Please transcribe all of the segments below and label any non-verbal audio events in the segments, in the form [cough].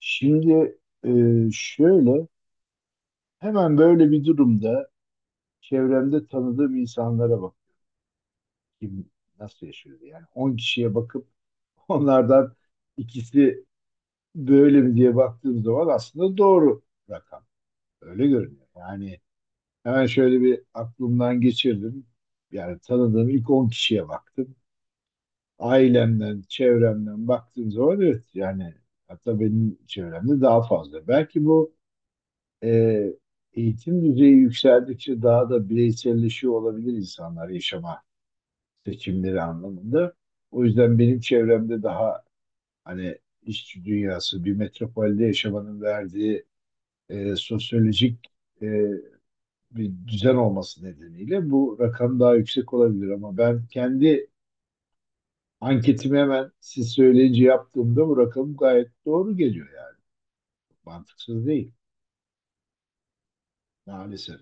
Şimdi e, şöyle hemen böyle bir durumda çevremde tanıdığım insanlara bak kim nasıl yaşıyor diye. Yani 10 kişiye bakıp onlardan ikisi böyle mi diye baktığım zaman aslında doğru rakam öyle görünüyor. Yani hemen şöyle bir aklımdan geçirdim, yani tanıdığım ilk 10 kişiye baktım, ailemden çevremden baktığım zaman evet yani hatta benim çevremde daha fazla belki bu e, eğitim düzeyi yükseldikçe daha da bireyselleşiyor olabilir insanlar yaşama seçimleri anlamında. O yüzden benim çevremde daha hani işçi dünyası bir metropolde yaşamanın verdiği sosyolojik e, bir düzen olması nedeniyle bu rakam daha yüksek olabilir ama ben kendi anketimi hemen siz söyleyince yaptığımda bu rakam gayet doğru geliyor yani. Mantıksız değil maalesef.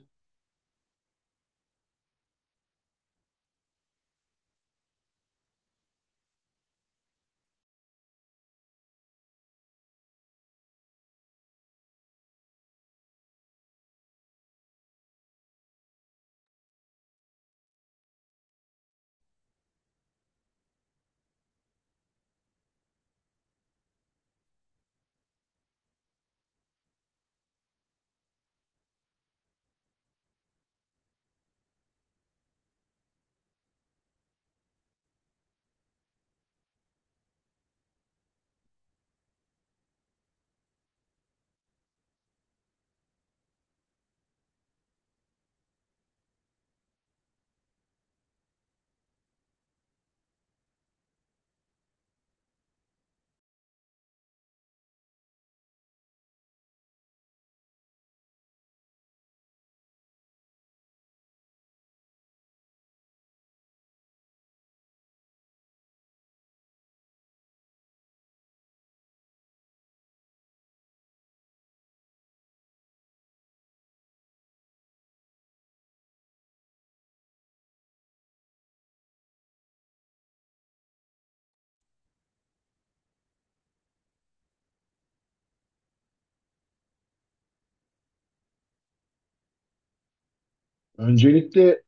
Öncelikle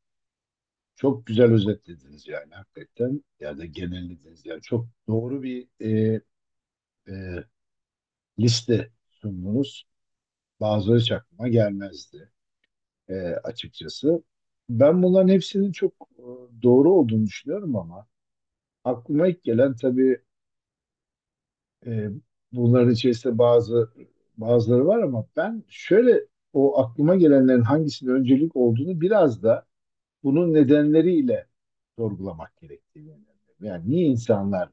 çok güzel özetlediniz yani hakikaten. Ya da genellediniz. Yani çok doğru bir e, liste sundunuz. Bazıları hiç aklıma gelmezdi açıkçası. Ben bunların hepsinin çok e, doğru olduğunu düşünüyorum ama aklıma ilk gelen tabii e, bunların içerisinde bazıları var ama ben şöyle o aklıma gelenlerin hangisinin öncelik olduğunu biraz da bunun nedenleriyle sorgulamak gerektiğini inanıyorum. Yani niye insanlar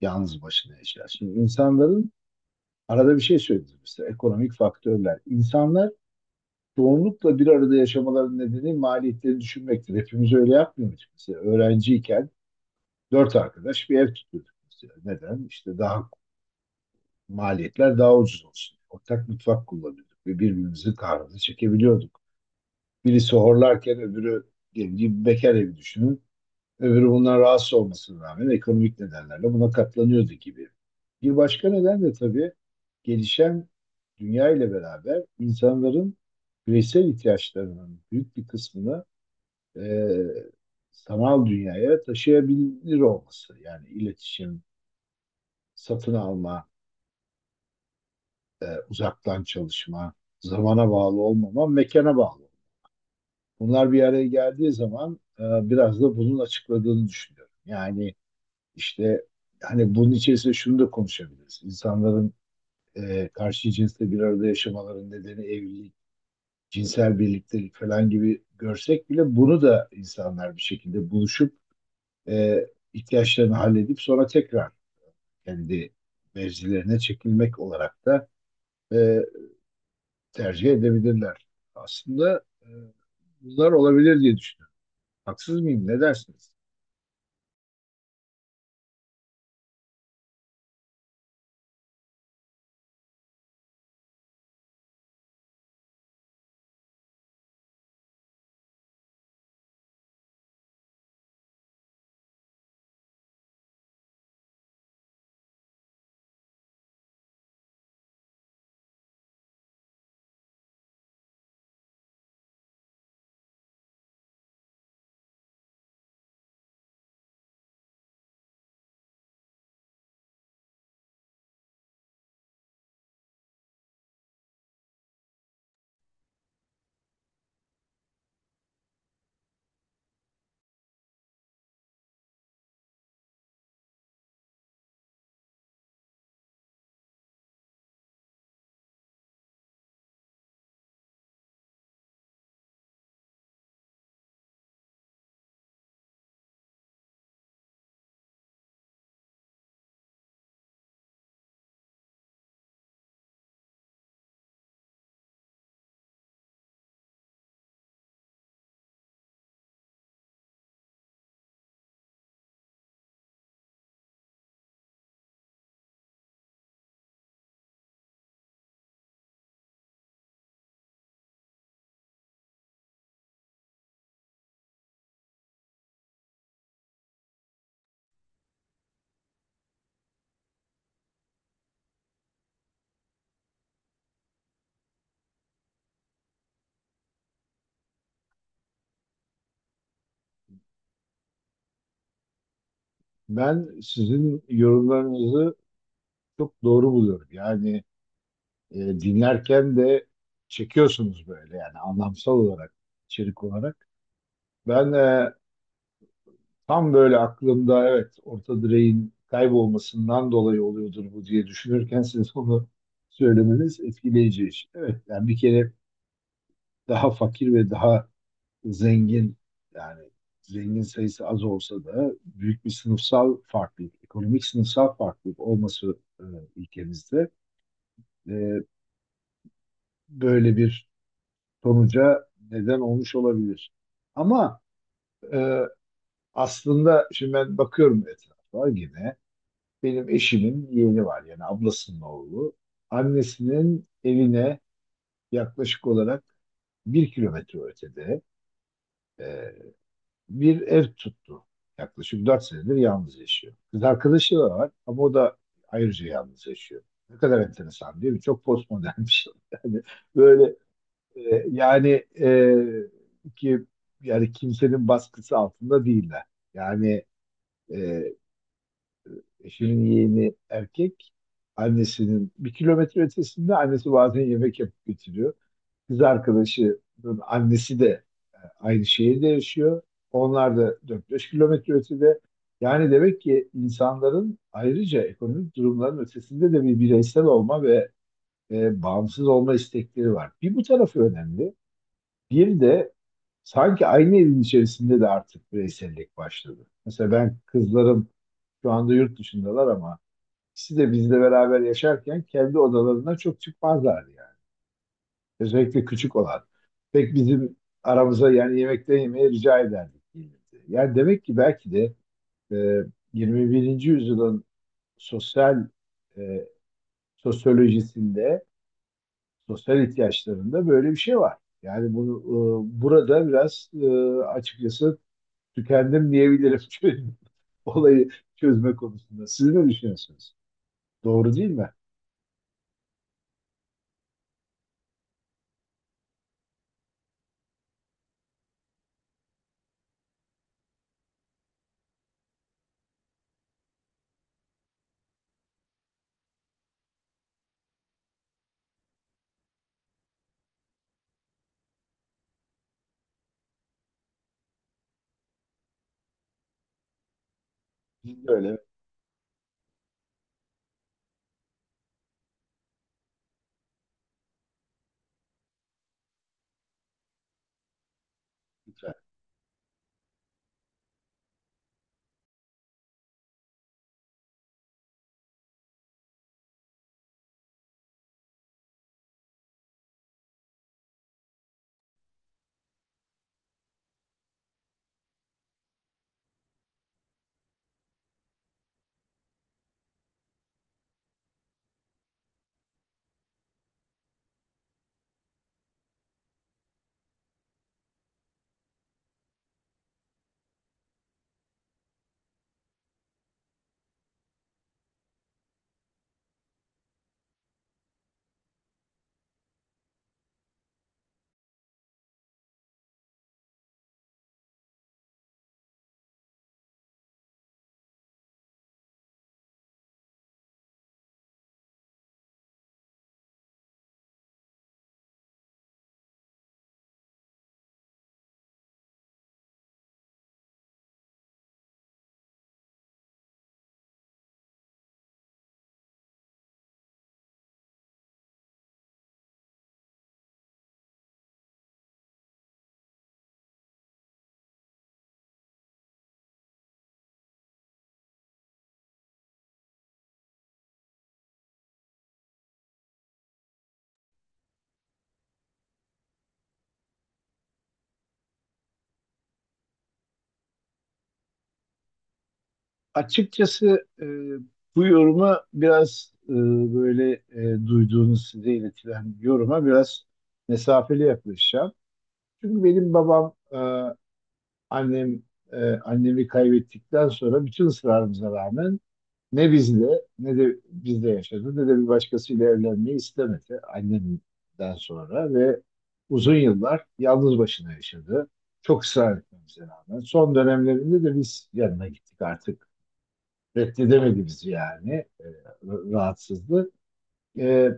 yalnız başına yaşar. Şimdi insanların arada bir şey söylediniz mesela ekonomik faktörler. İnsanlar çoğunlukla bir arada yaşamaların nedeni maliyetleri düşünmektir. Hepimiz öyle yapmıyorduk mesela. Öğrenciyken dört arkadaş bir ev tutuyorduk mesela. Neden? İşte daha maliyetler daha ucuz olsun. Ortak mutfak kullanıyorduk ve birbirimizin kahrını çekebiliyorduk. Birisi horlarken öbürü diyelim ki bekar evi düşünün. Öbürü bundan rahatsız olmasına rağmen ekonomik nedenlerle buna katlanıyordu gibi. Bir başka neden de tabii gelişen dünya ile beraber insanların bireysel ihtiyaçlarının büyük bir kısmını e, sanal dünyaya taşıyabilir olması. Yani iletişim, satın alma, uzaktan çalışma, zamana bağlı olmama, mekana bağlı olma. Bunlar bir araya geldiği zaman biraz da bunun açıkladığını düşünüyorum. Yani İşte hani bunun içerisinde şunu da konuşabiliriz. İnsanların karşı cinsle bir arada yaşamaların nedeni evlilik, cinsel birliktelik falan gibi görsek bile bunu da insanlar bir şekilde buluşup e, ihtiyaçlarını halledip sonra tekrar kendi mevzilerine çekilmek olarak da e, tercih edebilirler. Aslında bunlar olabilir diye düşünüyorum. Haksız mıyım? Ne dersiniz? Ben sizin yorumlarınızı çok doğru buluyorum. Yani dinlerken de çekiyorsunuz böyle yani anlamsal olarak, içerik olarak. Ben tam böyle aklımda evet orta direğin kaybolmasından dolayı oluyordur bu diye düşünürken siz onu söylemeniz etkileyici iş. Evet yani bir kere daha fakir ve daha zengin, yani zengin sayısı az olsa da büyük bir sınıfsal farklılık, ekonomik sınıfsal farklılık olması ülkemizde e, böyle bir sonuca neden olmuş olabilir. Ama e, aslında şimdi ben bakıyorum etrafa yine, benim eşimin yeğeni var yani ablasının oğlu. Annesinin evine yaklaşık olarak 1 kilometre ötede e, bir ev tuttu. Yaklaşık 4 senedir yalnız yaşıyor. Kız arkadaşı da var ama o da ayrıca yalnız yaşıyor. Ne kadar enteresan değil mi? Çok postmodern bir şey. [laughs] Yani böyle yani ki yani kimsenin baskısı altında değiller. Yani e, eşimin yeğeni erkek, annesinin 1 kilometre ötesinde, annesi bazen yemek yapıp getiriyor. Kız arkadaşının annesi de aynı şehirde yaşıyor. Onlar da 4-5 kilometre ötede. Yani demek ki insanların ayrıca ekonomik durumların ötesinde de bir bireysel olma ve bağımsız olma istekleri var. Bir bu tarafı önemli. Bir de sanki aynı evin içerisinde de artık bireysellik başladı. Mesela ben kızlarım şu anda yurt dışındalar ama ikisi de bizle beraber yaşarken kendi odalarına çok çıkmazlardı yani. Özellikle küçük olan. Pek bizim aramıza yani yemekte yemeye rica ederdik, gelirdi. Yani demek ki belki de e, 21. yüzyılın sosyal e, sosyolojisinde, sosyal ihtiyaçlarında böyle bir şey var. Yani bunu burada biraz açıkçası tükendim diyebilirim [laughs] çünkü olayı çözme konusunda. Siz ne düşünüyorsunuz? Doğru değil mi? Biz de öyle. Lütfen. Açıkçası bu yoruma biraz böyle duyduğunuz size iletilen yoruma biraz mesafeli yaklaşacağım. Çünkü benim babam, annem, annemi kaybettikten sonra bütün ısrarımıza rağmen ne bizle ne de bizde yaşadı ne de bir başkasıyla evlenmeyi istemedi annemden sonra ve uzun yıllar yalnız başına yaşadı. Çok ısrar etmemize rağmen. Son dönemlerinde de biz yanına gittik artık. Reddedemedi bizi yani. E, rahatsızdı. E,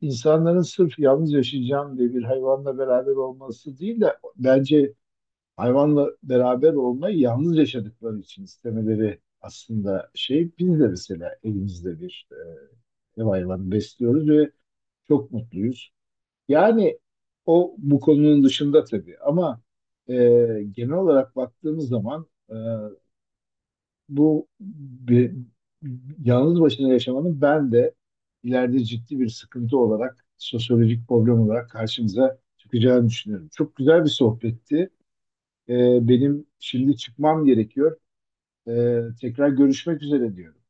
insanların sırf yalnız yaşayacağım diye bir hayvanla beraber olması değil de bence hayvanla beraber olmayı yalnız yaşadıkları için istemeleri aslında şey, biz de mesela elimizde bir ev hayvanı besliyoruz ve çok mutluyuz. Yani o bu konunun dışında tabii ama e, genel olarak baktığımız zaman bu bir, yalnız başına yaşamanın ben de ileride ciddi bir sıkıntı olarak sosyolojik problem olarak karşımıza çıkacağını düşünüyorum. Çok güzel bir sohbetti. Benim şimdi çıkmam gerekiyor. Tekrar görüşmek üzere diyorum.